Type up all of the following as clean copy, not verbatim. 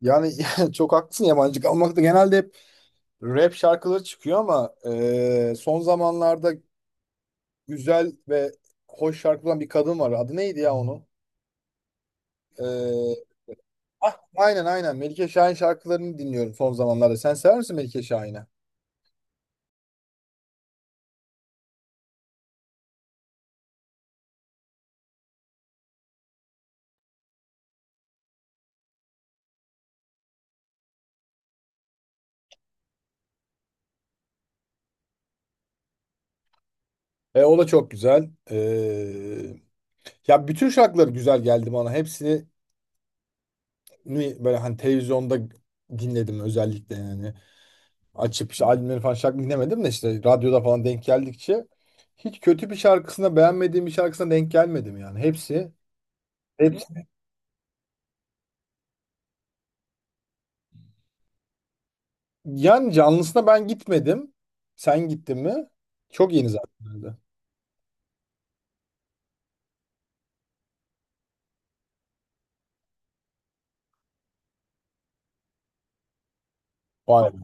Yani çok haklısın, yabancı kalmakta. Genelde hep rap şarkıları çıkıyor ama son zamanlarda güzel ve hoş şarkı olan bir kadın var. Adı neydi ya onun? E, aynen, Melike Şahin şarkılarını dinliyorum son zamanlarda. Sen sever misin Melike Şahin'i? O da çok güzel. Ya, bütün şarkıları güzel geldi bana. Hepsini böyle hani televizyonda dinledim özellikle yani. Açıp işte albümleri falan şarkı dinlemedim de işte radyoda falan denk geldikçe hiç kötü bir şarkısına, beğenmediğim bir şarkısına denk gelmedim yani. Hepsi, hepsi. Yani canlısına ben gitmedim. Sen gittin mi? Çok yeni zaten herhalde. Vay be.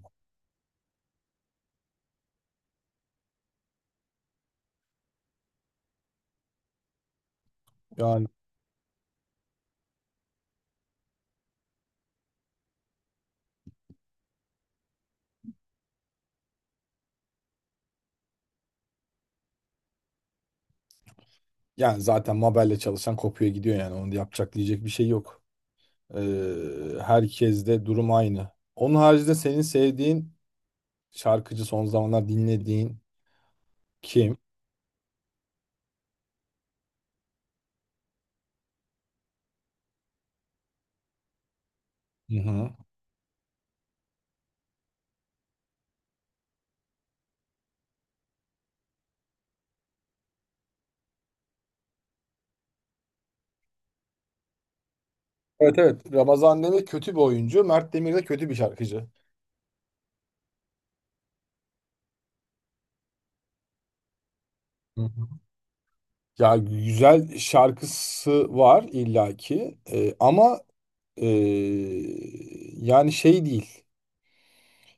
Yani, yani zaten Mabel'le çalışan kopuyor gidiyor yani. Onu da yapacak, diyecek bir şey yok. Herkes de durum aynı. Onun haricinde senin sevdiğin şarkıcı, son zamanlar dinlediğin kim? Hı hı. Evet, evet. Ramazan Demir kötü bir oyuncu. Mert Demir de kötü bir şarkıcı. Hı hı. Ya, güzel şarkısı var illaki. Ama ee, yani şey değil.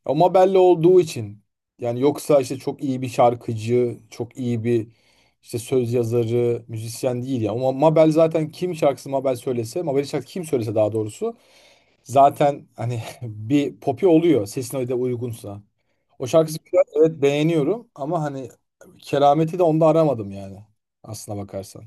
Ama belli olduğu için, yani yoksa işte çok iyi bir şarkıcı, çok iyi bir işte söz yazarı, müzisyen değil ya. Ama Mabel zaten kim şarkısı Mabel söylese, Mabel'in şarkısı kim söylese daha doğrusu zaten hani bir popi oluyor, sesin öyle de uygunsa. O şarkısı güzel, evet, beğeniyorum ama hani kerameti de onda aramadım yani, aslına bakarsan.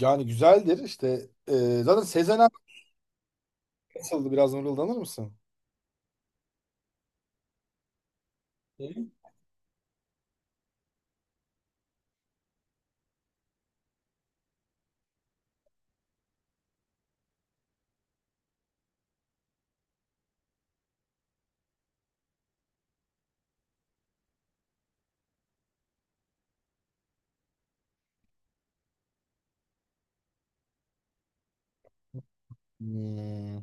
Yani güzeldir işte, zaten Sezen Aksu nasıldı, biraz mırıldanır mısın? Evet. Hmm.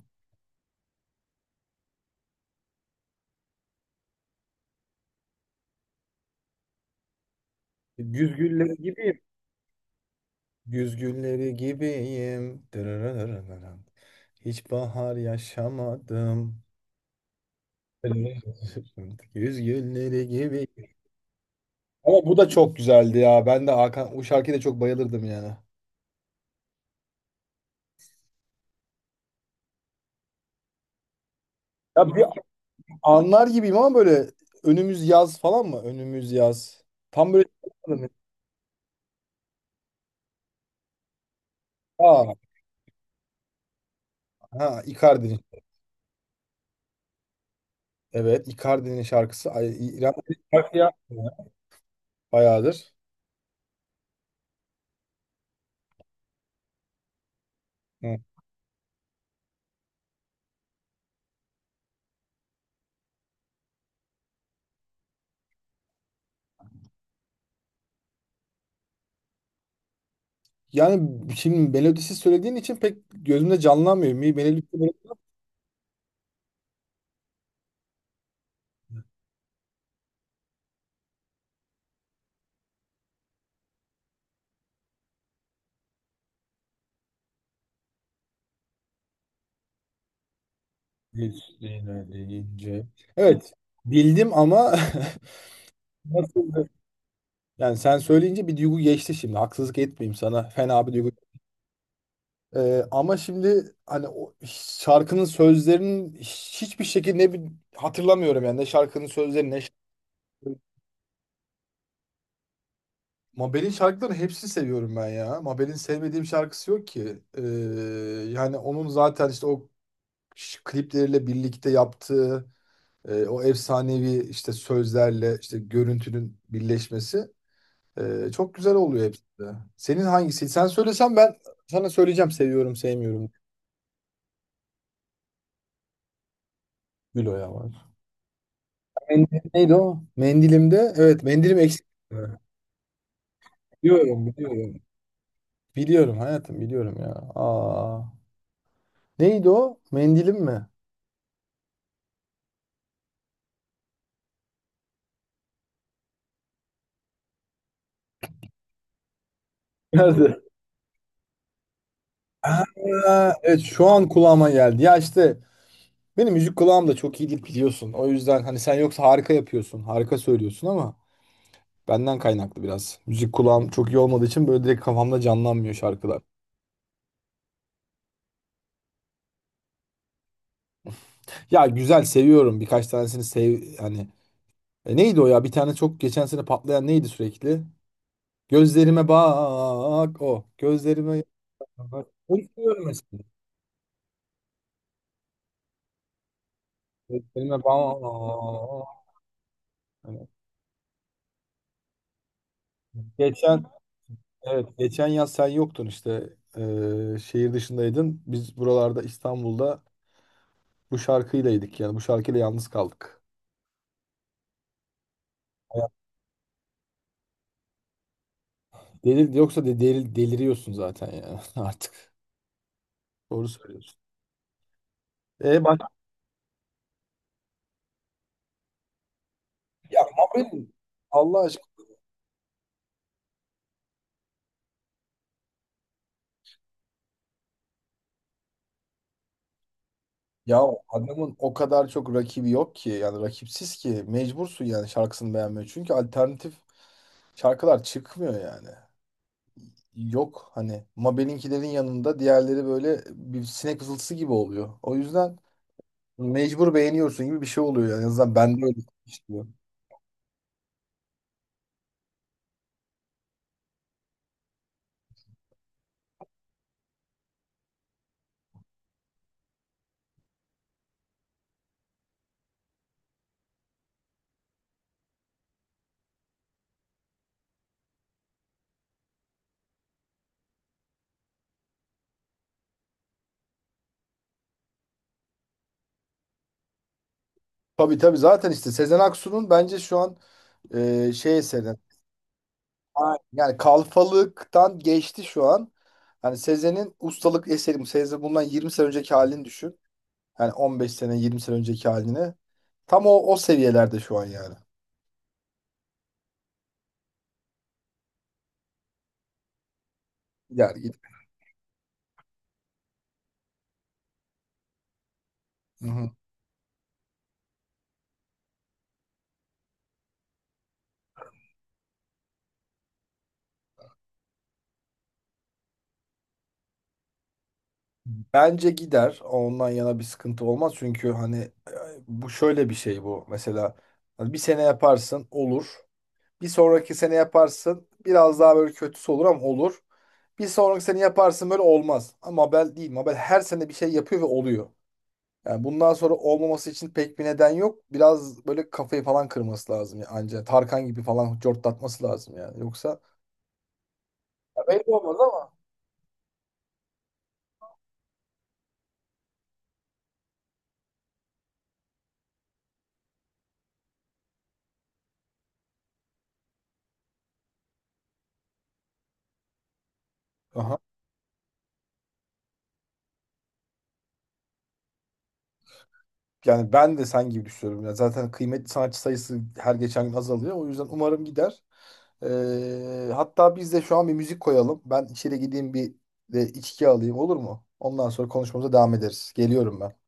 Güzgülleri gibiyim. Güz gülleri gibiyim. Dırırırırırırım. Hiç bahar yaşamadım. Güzgülleri gibi. Ama bu da çok güzeldi ya. Ben de Hakan, o şarkıya da çok bayılırdım yani. Ya bir anlar gibiyim ama böyle, önümüz yaz falan mı? Önümüz yaz. Tam böyle. Aa, ha, Icardi'nin. Evet, Icardi'nin şarkısı. Ay, İrem şarkı yapmıyor ya, bayağıdır. Hı. Yani şimdi melodisi söylediğin için pek gözümde canlanmıyor. Mi, melodisi böyle üstüne deyince. Evet, bildim ama nasıl yani, sen söyleyince bir duygu geçti şimdi. Haksızlık etmeyeyim sana. Fena bir duygu. Ama şimdi hani o şarkının sözlerinin hiçbir şekilde, ne bir hatırlamıyorum yani, ne şarkının sözlerini ne şarkı- Mabel'in şarkılarını hepsini seviyorum ben ya. Mabel'in sevmediğim şarkısı yok ki. Yani onun zaten işte o klipleriyle birlikte yaptığı, o efsanevi işte sözlerle işte görüntünün birleşmesi, çok güzel oluyor hepsi de. Senin hangisi? Sen söylesen ben sana söyleyeceğim, seviyorum sevmiyorum. Bilo ya. Mendil neydi o? Mendilimde. Evet, mendilim eksik. Biliyorum, biliyorum. Biliyorum hayatım, biliyorum ya. Aa, neydi o? Mendilim mi? Nerede? Aa, evet, şu an kulağıma geldi. Ya işte benim müzik kulağım da çok iyi değil biliyorsun. O yüzden hani sen yoksa harika yapıyorsun. Harika söylüyorsun ama benden kaynaklı biraz. Müzik kulağım çok iyi olmadığı için böyle direkt kafamda canlanmıyor şarkılar. Ya güzel, seviyorum. Birkaç tanesini sev hani. E, neydi o ya? Bir tane çok geçen sene patlayan neydi sürekli? Gözlerime bak, o. Gözlerime bak. Bunu mesela. Gözlerime bak. Hani geçen, evet geçen yaz sen yoktun işte. Şehir dışındaydın. Biz buralarda İstanbul'da bu şarkıylaydık yani, bu şarkıyla yalnız kaldık. Hayat- Delir, yoksa deliriyorsun zaten ya artık. Doğru söylüyorsun. E bak, ya mobil, Allah aşkına. Ya adamın o kadar çok rakibi yok ki, yani rakipsiz ki mecbursun yani şarkısını beğenmeye. Çünkü alternatif şarkılar çıkmıyor yani. Yok hani, Mabel'inkilerin yanında diğerleri böyle bir sinek vızıltısı gibi oluyor. O yüzden mecbur beğeniyorsun gibi bir şey oluyor yani. En azından bende öyle işliyor. Tabii tabii, zaten işte Sezen Aksu'nun bence şu an şey eseri. Aynen. Yani kalfalıktan geçti şu an. Hani Sezen'in ustalık eseri. Sezen bundan 20 sene önceki halini düşün. Yani 15 sene, 20 sene önceki haline. Tam o seviyelerde şu an yani. Gider gider. Hı hı. Bence gider. Ondan yana bir sıkıntı olmaz. Çünkü hani, bu şöyle bir şey bu. Mesela hani bir sene yaparsın olur. Bir sonraki sene yaparsın biraz daha böyle kötüsü olur ama olur. Bir sonraki sene yaparsın böyle olmaz. Ama Mabel değil. Mabel her sene bir şey yapıyor ve oluyor. Yani bundan sonra olmaması için pek bir neden yok. Biraz böyle kafayı falan kırması lazım ya anca. Tarkan gibi falan cortlatması lazım yani. Yoksa ayıp olmaz ama. Aha. Yani ben de sen gibi düşünüyorum. Yani zaten kıymetli sanatçı sayısı her geçen gün azalıyor. O yüzden umarım gider. Hatta biz de şu an bir müzik koyalım. Ben içeri gideyim, bir de içki alayım, olur mu? Ondan sonra konuşmamıza devam ederiz. Geliyorum ben.